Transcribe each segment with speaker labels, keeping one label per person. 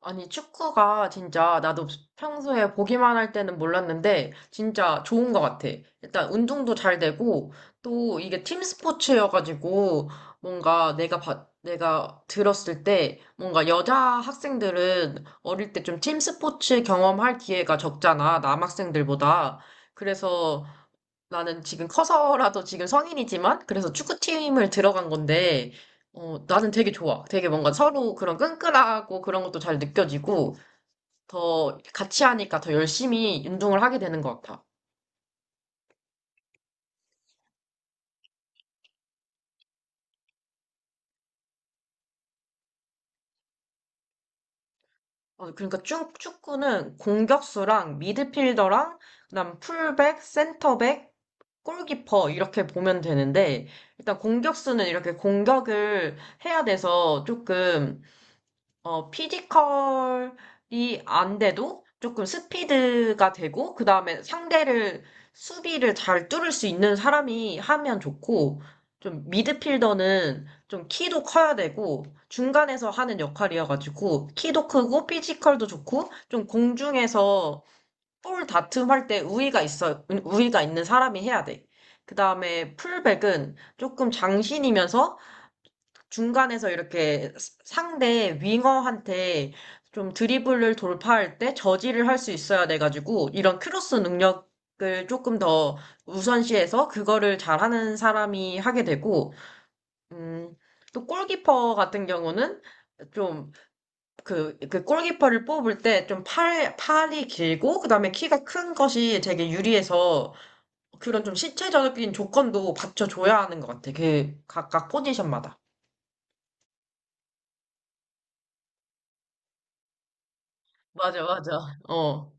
Speaker 1: 아니, 축구가 진짜 나도 평소에 보기만 할 때는 몰랐는데 진짜 좋은 것 같아. 일단 운동도 잘 되고 또 이게 팀 스포츠여가지고 뭔가 내가 들었을 때 뭔가 여자 학생들은 어릴 때 좀 팀 스포츠 경험할 기회가 적잖아. 남학생들보다. 그래서 나는 지금 커서라도 지금 성인이지만, 그래서 축구팀을 들어간 건데, 어, 나는 되게 좋아. 되게 뭔가 서로 그런 끈끈하고 그런 것도 잘 느껴지고, 더 같이 하니까 더 열심히 운동을 하게 되는 것 같아. 어, 그러니까 축 축구는 공격수랑 미드필더랑, 그다음 풀백, 센터백, 골키퍼 이렇게 보면 되는데, 일단 공격수는 이렇게 공격을 해야 돼서 조금 어, 피지컬이 안 돼도 조금 스피드가 되고, 그 다음에 상대를, 수비를 잘 뚫을 수 있는 사람이 하면 좋고, 좀 미드필더는 좀 키도 커야 되고, 중간에서 하는 역할이어가지고, 키도 크고, 피지컬도 좋고, 좀 공중에서 볼 다툼할 때 우위가 있어, 우위가 있는 사람이 해야 돼. 그 다음에 풀백은 조금 장신이면서 중간에서 이렇게 상대 윙어한테 좀 드리블을 돌파할 때 저지를 할 수 있어야 돼가지고 이런 크로스 능력을 조금 더 우선시해서 그거를 잘하는 사람이 하게 되고 음, 또 골키퍼 같은 경우는 좀 그, 골키퍼를 뽑을 때 좀 팔이 길고 그다음에 키가 큰 것이 되게 유리해서 그런 좀 신체적인 조건도 받쳐줘야 하는 것 같아. 그 각각 포지션마다. 맞아, 맞아. 어.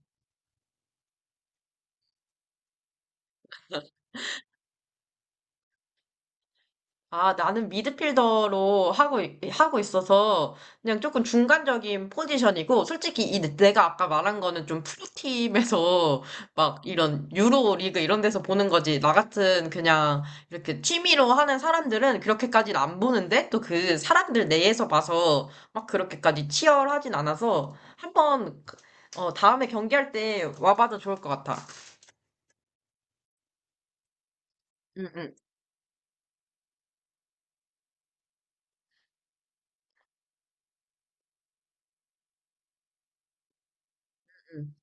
Speaker 1: 아, 나는 하고 있어서 그냥 조금 중간적인 포지션이고, 솔직히 이 내가 아까 말한 거는 좀 프로팀에서 막 이런 유로 리그 이런 데서 보는 거지. 나 같은 그냥 이렇게 취미로 하는 사람들은 그렇게까지는 안 보는데, 또 그 사람들 내에서 봐서 막 그렇게까지 치열하진 않아서 한번, 그, 어, 다음에 경기할 때 와봐도 좋을 것 같아. 응, 응, 응.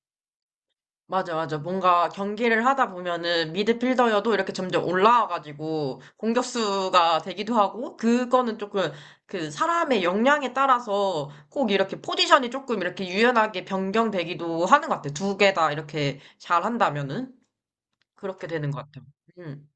Speaker 1: 맞아, 맞아. 뭔가 경기를 하다 보면은 미드필더여도 이렇게 점점 올라와가지고 공격수가 되기도 하고, 그거는 조금 그 사람의 역량에 따라서 꼭 이렇게 포지션이 조금 이렇게 유연하게 변경되기도 하는 것 같아. 두 개 다 이렇게 잘 한다면은. 그렇게 되는 것 같아. 음.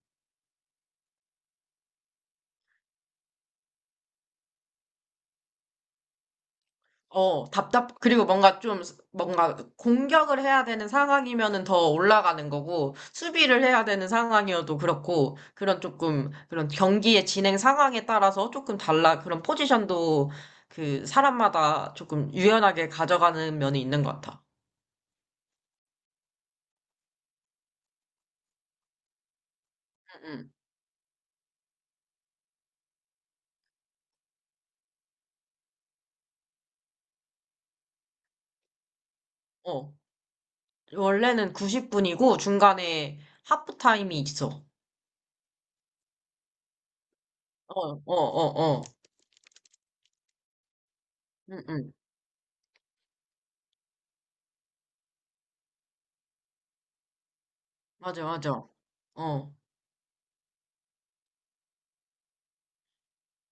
Speaker 1: 어, 답답, 그리고 뭔가 좀, 스- 뭔가 공격을 해야 되는 상황이면은 더 올라가는 거고, 수비를 해야 되는 상황이어도 그렇고, 그런 조금, 그런 경기의 진행 상황에 따라서 조금 달라, 그런 포지션도 그 사람마다 조금 유연하게 가져가는 면이 있는 것 같아. 응, 응. 어, 원래는 90분이고, 중간에 하프타임이 있어. 어, 어, 어, 어. 응, 응. 맞아, 맞아. 어.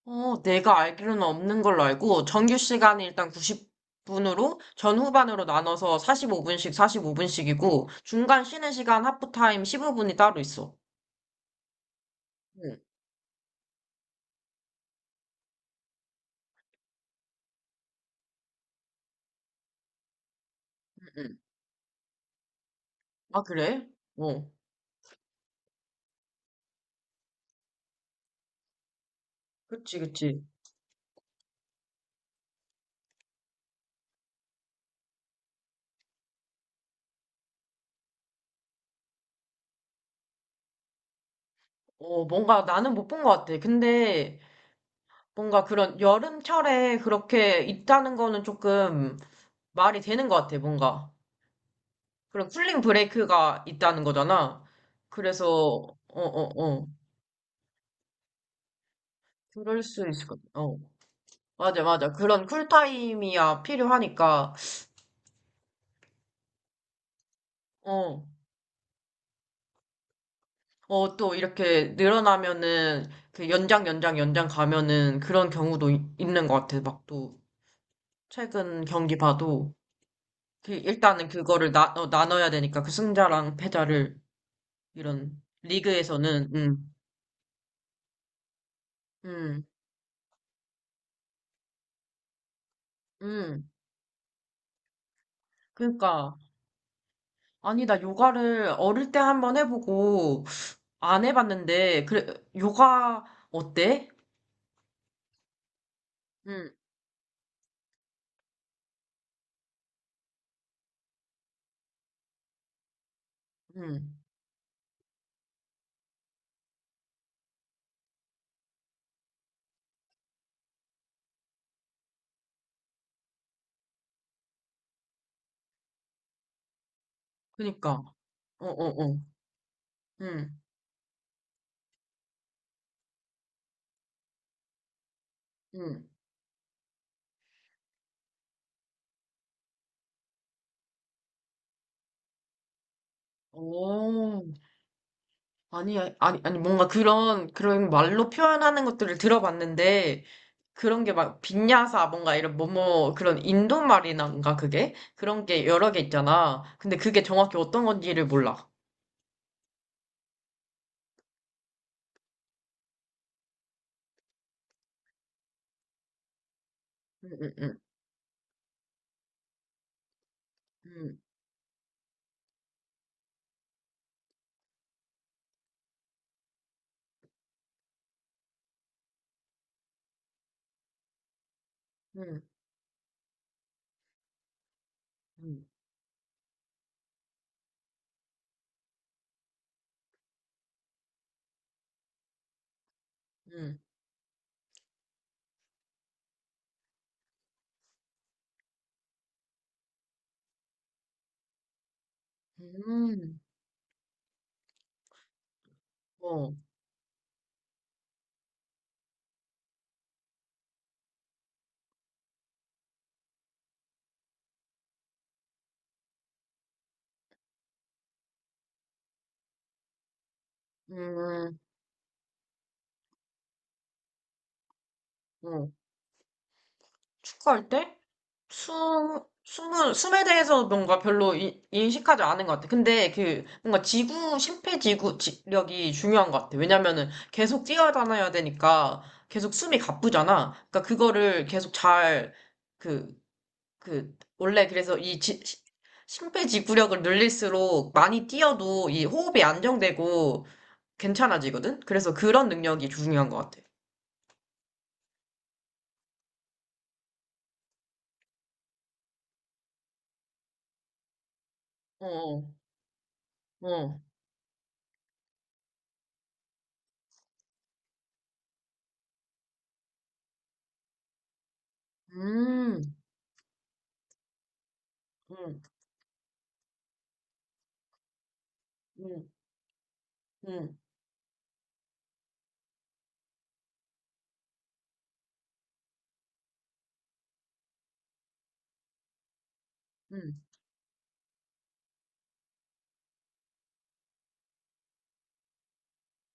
Speaker 1: 어, 내가 알기로는 없는 걸로 알고, 정규 시간이 일단 90분으로, 전 후반으로 나눠서 45분씩, 45분씩이고, 중간 쉬는 시간 하프타임 15분이 따로 있어. 응, 응, 응. 아, 그래? 어, 그치, 그치. 어, 뭔가 나는 못 본 것 같아. 근데, 뭔가 그런 여름철에 그렇게 있다는 거는 조금 말이 되는 것 같아, 뭔가. 그런 쿨링 브레이크가 있다는 거잖아. 그래서, 어, 어, 어. 그럴 수 있을 것 같아. 어. 맞아, 맞아. 그런 쿨타임이야 필요하니까, 어, 어, 또 이렇게 늘어나면은, 그 연장 가면은 그런 경우도 있는 것 같아. 막 또, 최근 경기 봐도, 그, 일단은 그거를 나, 어, 나눠야 되니까, 그 승자랑 패자를, 이런, 리그에서는, 음, 음. 그러니까, 아니, 나 요가를 어릴 때 한번 해보고, 안 해봤는데, 그래, 요가, 어때? 응, 응. 그니까, 어, 어, 어. 응, 응. 오, 아니, 아니, 아니, 뭔가 그런, 그런 말로 표현하는 것들을 들어봤는데, 그런 게 막, 빈야사, 뭔가 이런, 뭐뭐, 그런 인도 말이란가, 그게? 그런 게 여러 개 있잖아. 근데 그게 정확히 어떤 건지를 몰라. 응, 응, 응, 응, 응, 응, 응, 응, 어, 음, 어. 축구할 때? 숨에 대해서 뭔가 별로 인식하지 않은 것 같아. 근데 그, 뭔가 지구, 심폐지구 지력이 중요한 것 같아. 왜냐면은 계속 뛰어다녀야 되니까 계속 숨이 가쁘잖아. 그러니까 그거를 계속 잘, 그, 원래 그래서 심폐지구력을 늘릴수록 많이 뛰어도 이 호흡이 안정되고 괜찮아지거든? 그래서 그런 능력이 중요한 것 같아. 어, 어, 음, 음, 음. 음. 음,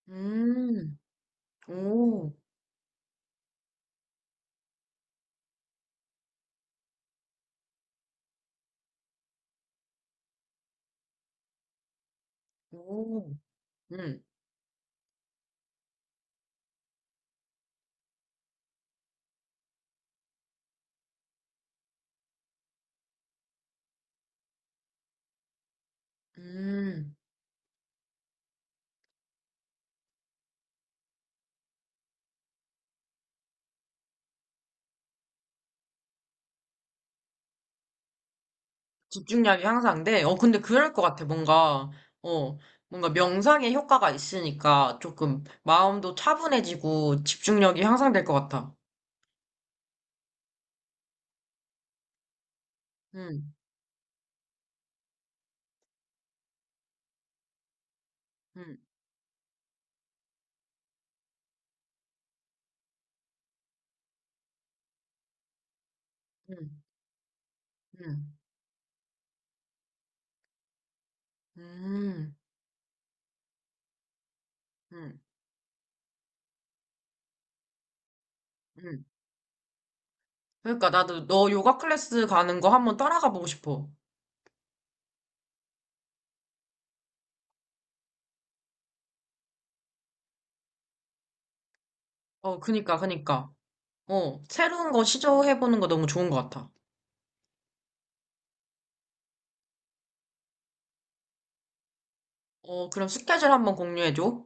Speaker 1: 음, 오, 오, 음, 음. 집중력이 향상돼? 어, 근데 그럴 것 같아, 뭔가. 어, 뭔가 명상의 효과가 있으니까 조금 마음도 차분해지고 집중력이 향상될 것 같아. 음, 음, 음, 음, 음, 음, 음. 그러니까 나도 너 요가 클래스 가는 거 한번 따라가 보고 싶어. 어, 그니까, 그니까. 어, 새로운 거 시도해보는 거 너무 좋은 것 같아. 어, 그럼 스케줄 한번 공유해줘.